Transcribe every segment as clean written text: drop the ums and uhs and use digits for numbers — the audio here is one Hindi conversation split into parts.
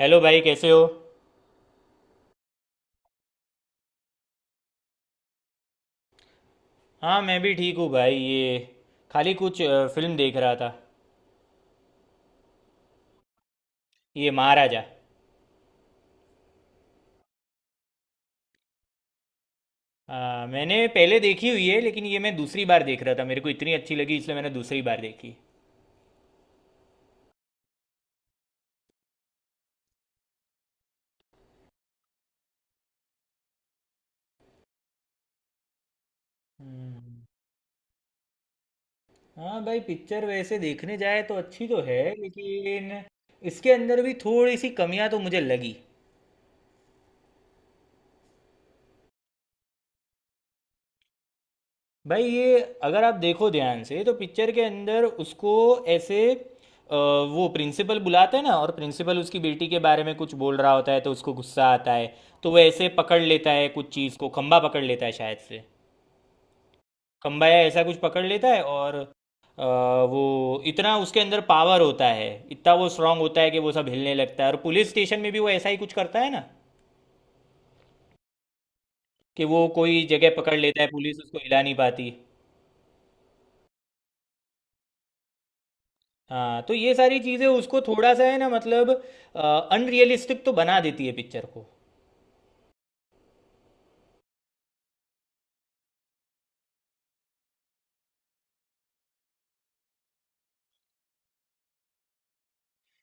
हेलो भाई, कैसे हो। हाँ, मैं भी ठीक हूँ भाई। ये खाली कुछ फिल्म देख रहा था। ये महाराजा। मैंने पहले देखी हुई है, लेकिन ये मैं दूसरी बार देख रहा था। मेरे को इतनी अच्छी लगी इसलिए मैंने दूसरी बार देखी। हम्म। हाँ भाई, पिक्चर वैसे देखने जाए तो अच्छी तो है, लेकिन इसके अंदर भी थोड़ी सी कमियां तो मुझे लगी। भाई ये अगर आप देखो ध्यान से तो पिक्चर के अंदर उसको ऐसे वो प्रिंसिपल बुलाते हैं ना, और प्रिंसिपल उसकी बेटी के बारे में कुछ बोल रहा होता है तो उसको गुस्सा आता है। तो वो ऐसे पकड़ लेता है कुछ चीज़ को, खंबा पकड़ लेता है शायद से। खंबा या ऐसा कुछ पकड़ लेता है, और वो इतना उसके अंदर पावर होता है, इतना वो स्ट्रांग होता है कि वो सब हिलने लगता है। और पुलिस स्टेशन में भी वो ऐसा ही कुछ करता है ना, कि वो कोई जगह पकड़ लेता है, पुलिस उसको हिला नहीं पाती। हाँ, तो ये सारी चीज़ें उसको थोड़ा सा है ना, मतलब अनरियलिस्टिक तो बना देती है पिक्चर को।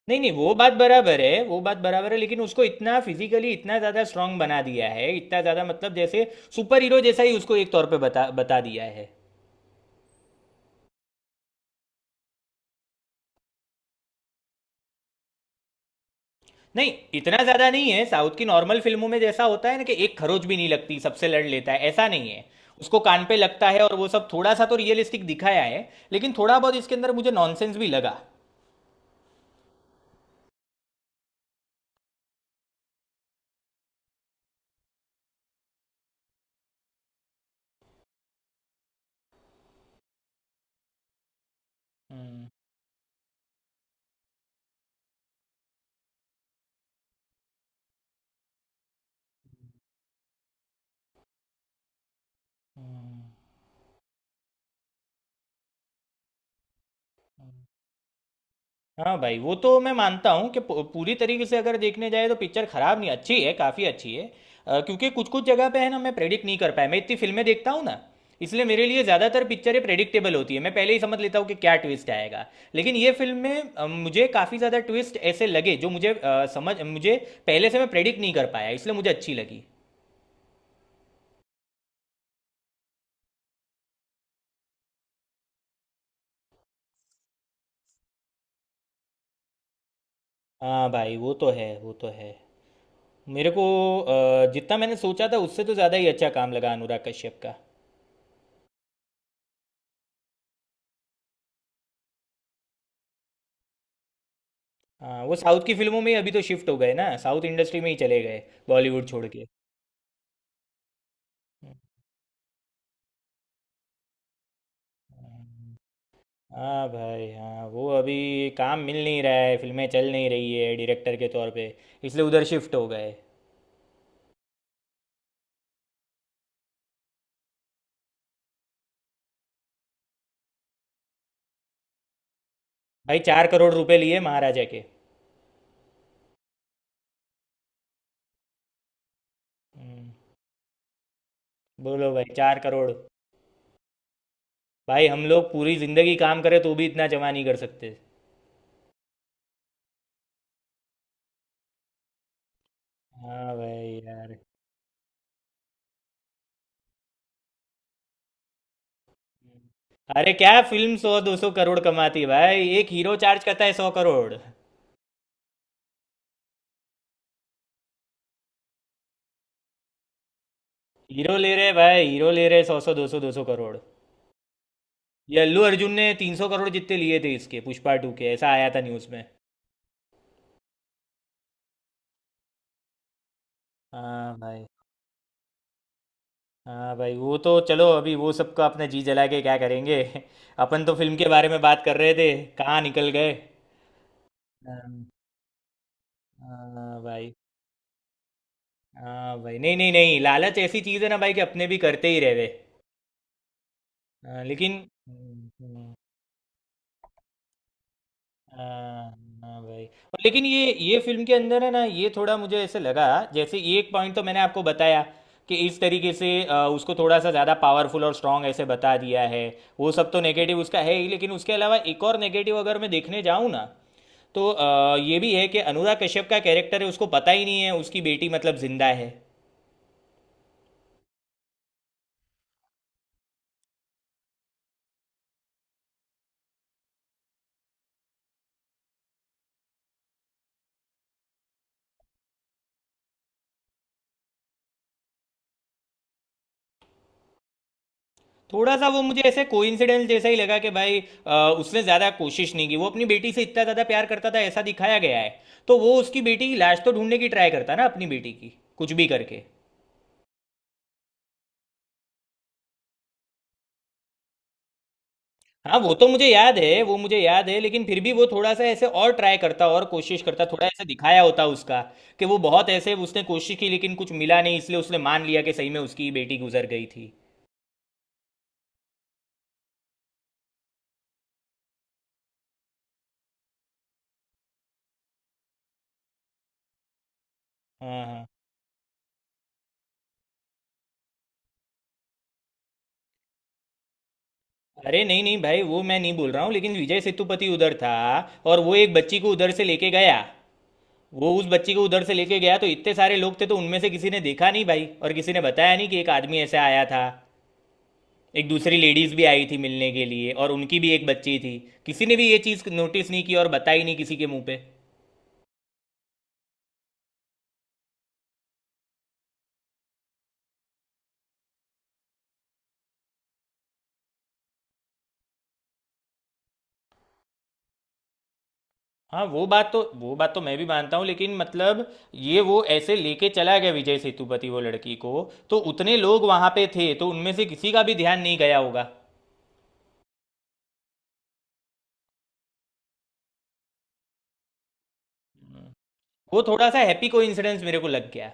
नहीं नहीं, वो बात बराबर है, वो बात बराबर है, लेकिन उसको इतना फिजिकली इतना ज़्यादा स्ट्रांग बना दिया है, इतना ज़्यादा, मतलब जैसे सुपर हीरो जैसा ही उसको एक तौर पे बता बता दिया है। नहीं, इतना ज़्यादा नहीं है। साउथ की नॉर्मल फिल्मों में जैसा होता है ना कि एक खरोच भी नहीं लगती, सबसे लड़ लेता है, ऐसा नहीं है। उसको कान पे लगता है, और वो सब थोड़ा सा तो रियलिस्टिक दिखाया है, लेकिन थोड़ा बहुत इसके अंदर मुझे नॉनसेंस भी लगा। हम्म, हम्म। हाँ भाई, वो तो मैं मानता हूँ कि पूरी तरीके से अगर देखने जाए तो पिक्चर खराब नहीं, अच्छी है, काफ़ी अच्छी है। क्योंकि कुछ कुछ जगह पे है ना, मैं प्रेडिक्ट नहीं कर पाया। मैं इतनी फिल्में देखता हूँ ना, इसलिए मेरे लिए ज़्यादातर पिक्चरें प्रेडिक्टेबल होती है। मैं पहले ही समझ लेता हूँ कि क्या ट्विस्ट आएगा, लेकिन ये फिल्म में मुझे काफ़ी ज़्यादा ट्विस्ट ऐसे लगे जो मुझे समझ, मुझे पहले से मैं प्रेडिक्ट नहीं कर पाया, इसलिए मुझे अच्छी लगी। हाँ भाई, वो तो है, वो तो है। मेरे को जितना मैंने सोचा था उससे तो ज़्यादा ही अच्छा काम लगा अनुराग कश्यप का। हाँ, वो साउथ की फिल्मों में ही अभी तो शिफ्ट हो गए ना, साउथ इंडस्ट्री में ही चले गए, बॉलीवुड छोड़ के। हाँ भाई, हाँ वो अभी काम मिल नहीं रहा है, फिल्में चल नहीं रही है डायरेक्टर के तौर पे, इसलिए उधर शिफ्ट हो गए। भाई 4 करोड़ रुपए लिए महाराजा के। हम्म, बोलो भाई, 4 करोड़। भाई हम लोग पूरी जिंदगी काम करें तो भी इतना जमा नहीं कर सकते। हाँ भाई यार। अरे क्या फिल्म सौ दो सौ करोड़ कमाती है भाई। एक हीरो चार्ज करता है 100 करोड़। हीरो ले रहे भाई, हीरो ले रहे सौ सौ दो सौ दो सौ करोड़। ये अल्लू अर्जुन ने 300 करोड़ जितने लिए थे इसके पुष्पा टू के, ऐसा आया था न्यूज़ में। हाँ भाई। हाँ भाई, वो तो चलो, अभी वो सबका अपने जी जला के क्या करेंगे। अपन तो फिल्म के बारे में बात कर रहे थे, कहाँ निकल गए। हाँ। हाँ भाई। हाँ भाई, नहीं नहीं नहीं, लालच ऐसी चीज़ है ना भाई, कि अपने भी करते ही रहे। हाँ, लेकिन। हम्म, हम्म। हाँ। हाँ भाई, और लेकिन ये फिल्म के अंदर है ना, ये थोड़ा मुझे ऐसे लगा, जैसे ये एक पॉइंट तो मैंने आपको बताया, कि इस तरीके से उसको थोड़ा सा ज़्यादा पावरफुल और स्ट्रांग ऐसे बता दिया है। वो सब तो नेगेटिव उसका है ही, लेकिन उसके अलावा एक और नेगेटिव अगर मैं देखने जाऊँ ना, तो ये भी है कि अनुराग कश्यप का कैरेक्टर है, उसको पता ही नहीं है उसकी बेटी मतलब जिंदा है। थोड़ा सा वो मुझे ऐसे कोइंसिडेंस जैसा ही लगा कि भाई उसने ज़्यादा कोशिश नहीं की। वो अपनी बेटी से इतना ज़्यादा प्यार करता था ऐसा दिखाया गया है, तो वो उसकी बेटी की लाश तो ढूंढने की ट्राई करता ना, अपनी बेटी की, कुछ भी करके। हाँ वो तो मुझे याद है, वो मुझे याद है, लेकिन फिर भी वो थोड़ा सा ऐसे और ट्राई करता, और कोशिश करता, थोड़ा ऐसे दिखाया होता उसका, कि वो बहुत ऐसे उसने कोशिश की लेकिन कुछ मिला नहीं, इसलिए उसने मान लिया कि सही में उसकी बेटी गुजर गई थी। हाँ हाँ। अरे नहीं नहीं भाई, वो मैं नहीं बोल रहा हूँ, लेकिन विजय सेतुपति उधर था और वो एक बच्ची को उधर से लेके गया। वो उस बच्ची को उधर से लेके गया, तो इतने सारे लोग थे तो उनमें से किसी ने देखा नहीं भाई, और किसी ने बताया नहीं कि एक आदमी ऐसे आया था। एक दूसरी लेडीज भी आई थी मिलने के लिए, और उनकी भी एक बच्ची थी। किसी ने भी ये चीज़ नोटिस नहीं की और बताई नहीं किसी के मुंह पे। हाँ वो बात तो, वो बात तो मैं भी मानता हूँ, लेकिन मतलब ये वो ऐसे लेके चला गया विजय सेतुपति वो लड़की को, तो उतने लोग वहाँ पे थे तो उनमें से किसी का भी ध्यान नहीं गया होगा। वो थोड़ा सा हैप्पी कोइंसिडेंस मेरे को लग गया।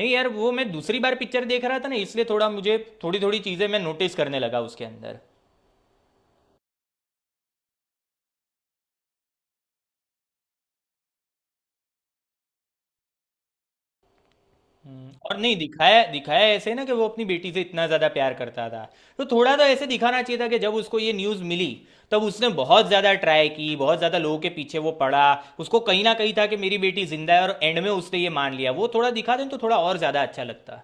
नहीं यार, वो मैं दूसरी बार पिक्चर देख रहा था ना, इसलिए थोड़ा मुझे थोड़ी थोड़ी चीजें मैं नोटिस करने लगा उसके अंदर। और नहीं दिखाया, दिखाया ऐसे ना कि वो अपनी बेटी से इतना ज्यादा प्यार करता था, तो थोड़ा तो ऐसे दिखाना चाहिए था कि जब उसको ये न्यूज मिली, तब उसने बहुत ज्यादा ट्राई की, बहुत ज्यादा लोगों के पीछे वो पड़ा। उसको कहीं ना कहीं था कि मेरी बेटी जिंदा है, और एंड में उसने ये मान लिया, वो थोड़ा दिखा दें तो थोड़ा और ज्यादा अच्छा लगता।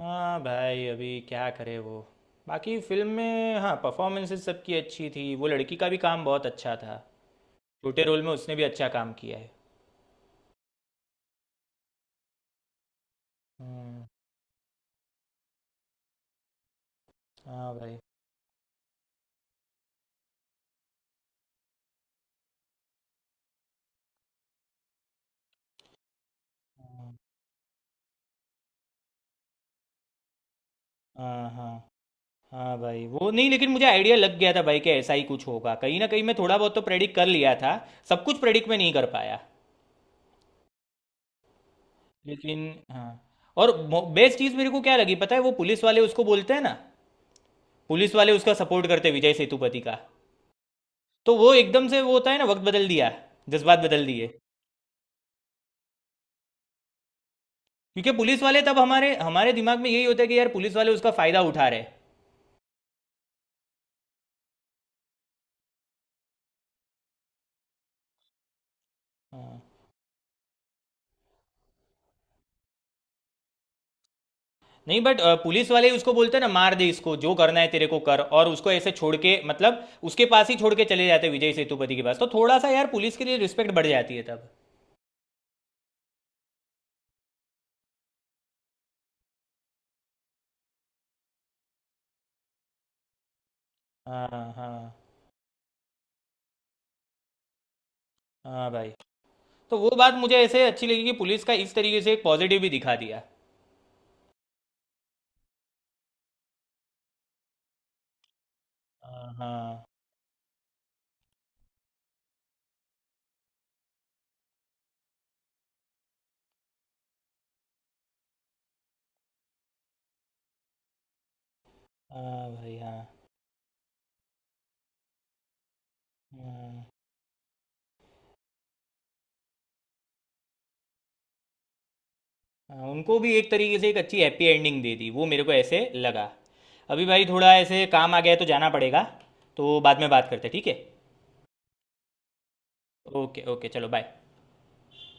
हाँ भाई, अभी क्या करे वो। बाकी फिल्म में हाँ, परफॉर्मेंसेस सबकी अच्छी थी। वो लड़की का भी काम बहुत अच्छा था, छोटे रोल में उसने भी अच्छा काम किया है। हम्म। हाँ भाई। हाँ हाँ। हाँ। हाँ भाई, वो नहीं, लेकिन मुझे आइडिया लग गया था भाई कि ऐसा ही कुछ होगा कहीं ना कहीं, मैं थोड़ा बहुत तो प्रेडिक्ट कर लिया था, सब कुछ प्रेडिक्ट में नहीं कर पाया। लेकिन हाँ, और बेस्ट चीज़ मेरे को क्या लगी पता है, वो पुलिस वाले उसको बोलते हैं ना, पुलिस वाले उसका सपोर्ट करते हैं विजय सेतुपति का। तो वो एकदम से वो होता है ना, वक्त बदल दिया, जज्बात बदल दिए। क्योंकि पुलिस वाले तब हमारे हमारे दिमाग में यही होता है कि यार पुलिस वाले उसका फायदा उठा रहे हैं। नहीं बट पुलिस वाले ही उसको बोलते हैं ना मार दे इसको, जो करना है तेरे को कर, और उसको ऐसे छोड़ के, मतलब उसके पास ही छोड़ के चले जाते हैं विजय सेतुपति के पास, तो थोड़ा सा यार पुलिस के लिए रिस्पेक्ट बढ़ जाती है तब। हाँ हाँ। हाँ भाई, तो वो बात मुझे ऐसे अच्छी लगी कि पुलिस का इस तरीके से एक पॉजिटिव भी दिखा दिया। हाँ हाँ। हाँ भाई। हाँ हाँ। हाँ, उनको भी एक तरीके से एक अच्छी हैप्पी एंडिंग दे दी, वो मेरे को ऐसे लगा। अभी भाई थोड़ा ऐसे काम आ गया है, तो जाना पड़ेगा। तो बाद में बात करते हैं, ठीक है। ओके ओके, चलो बाय।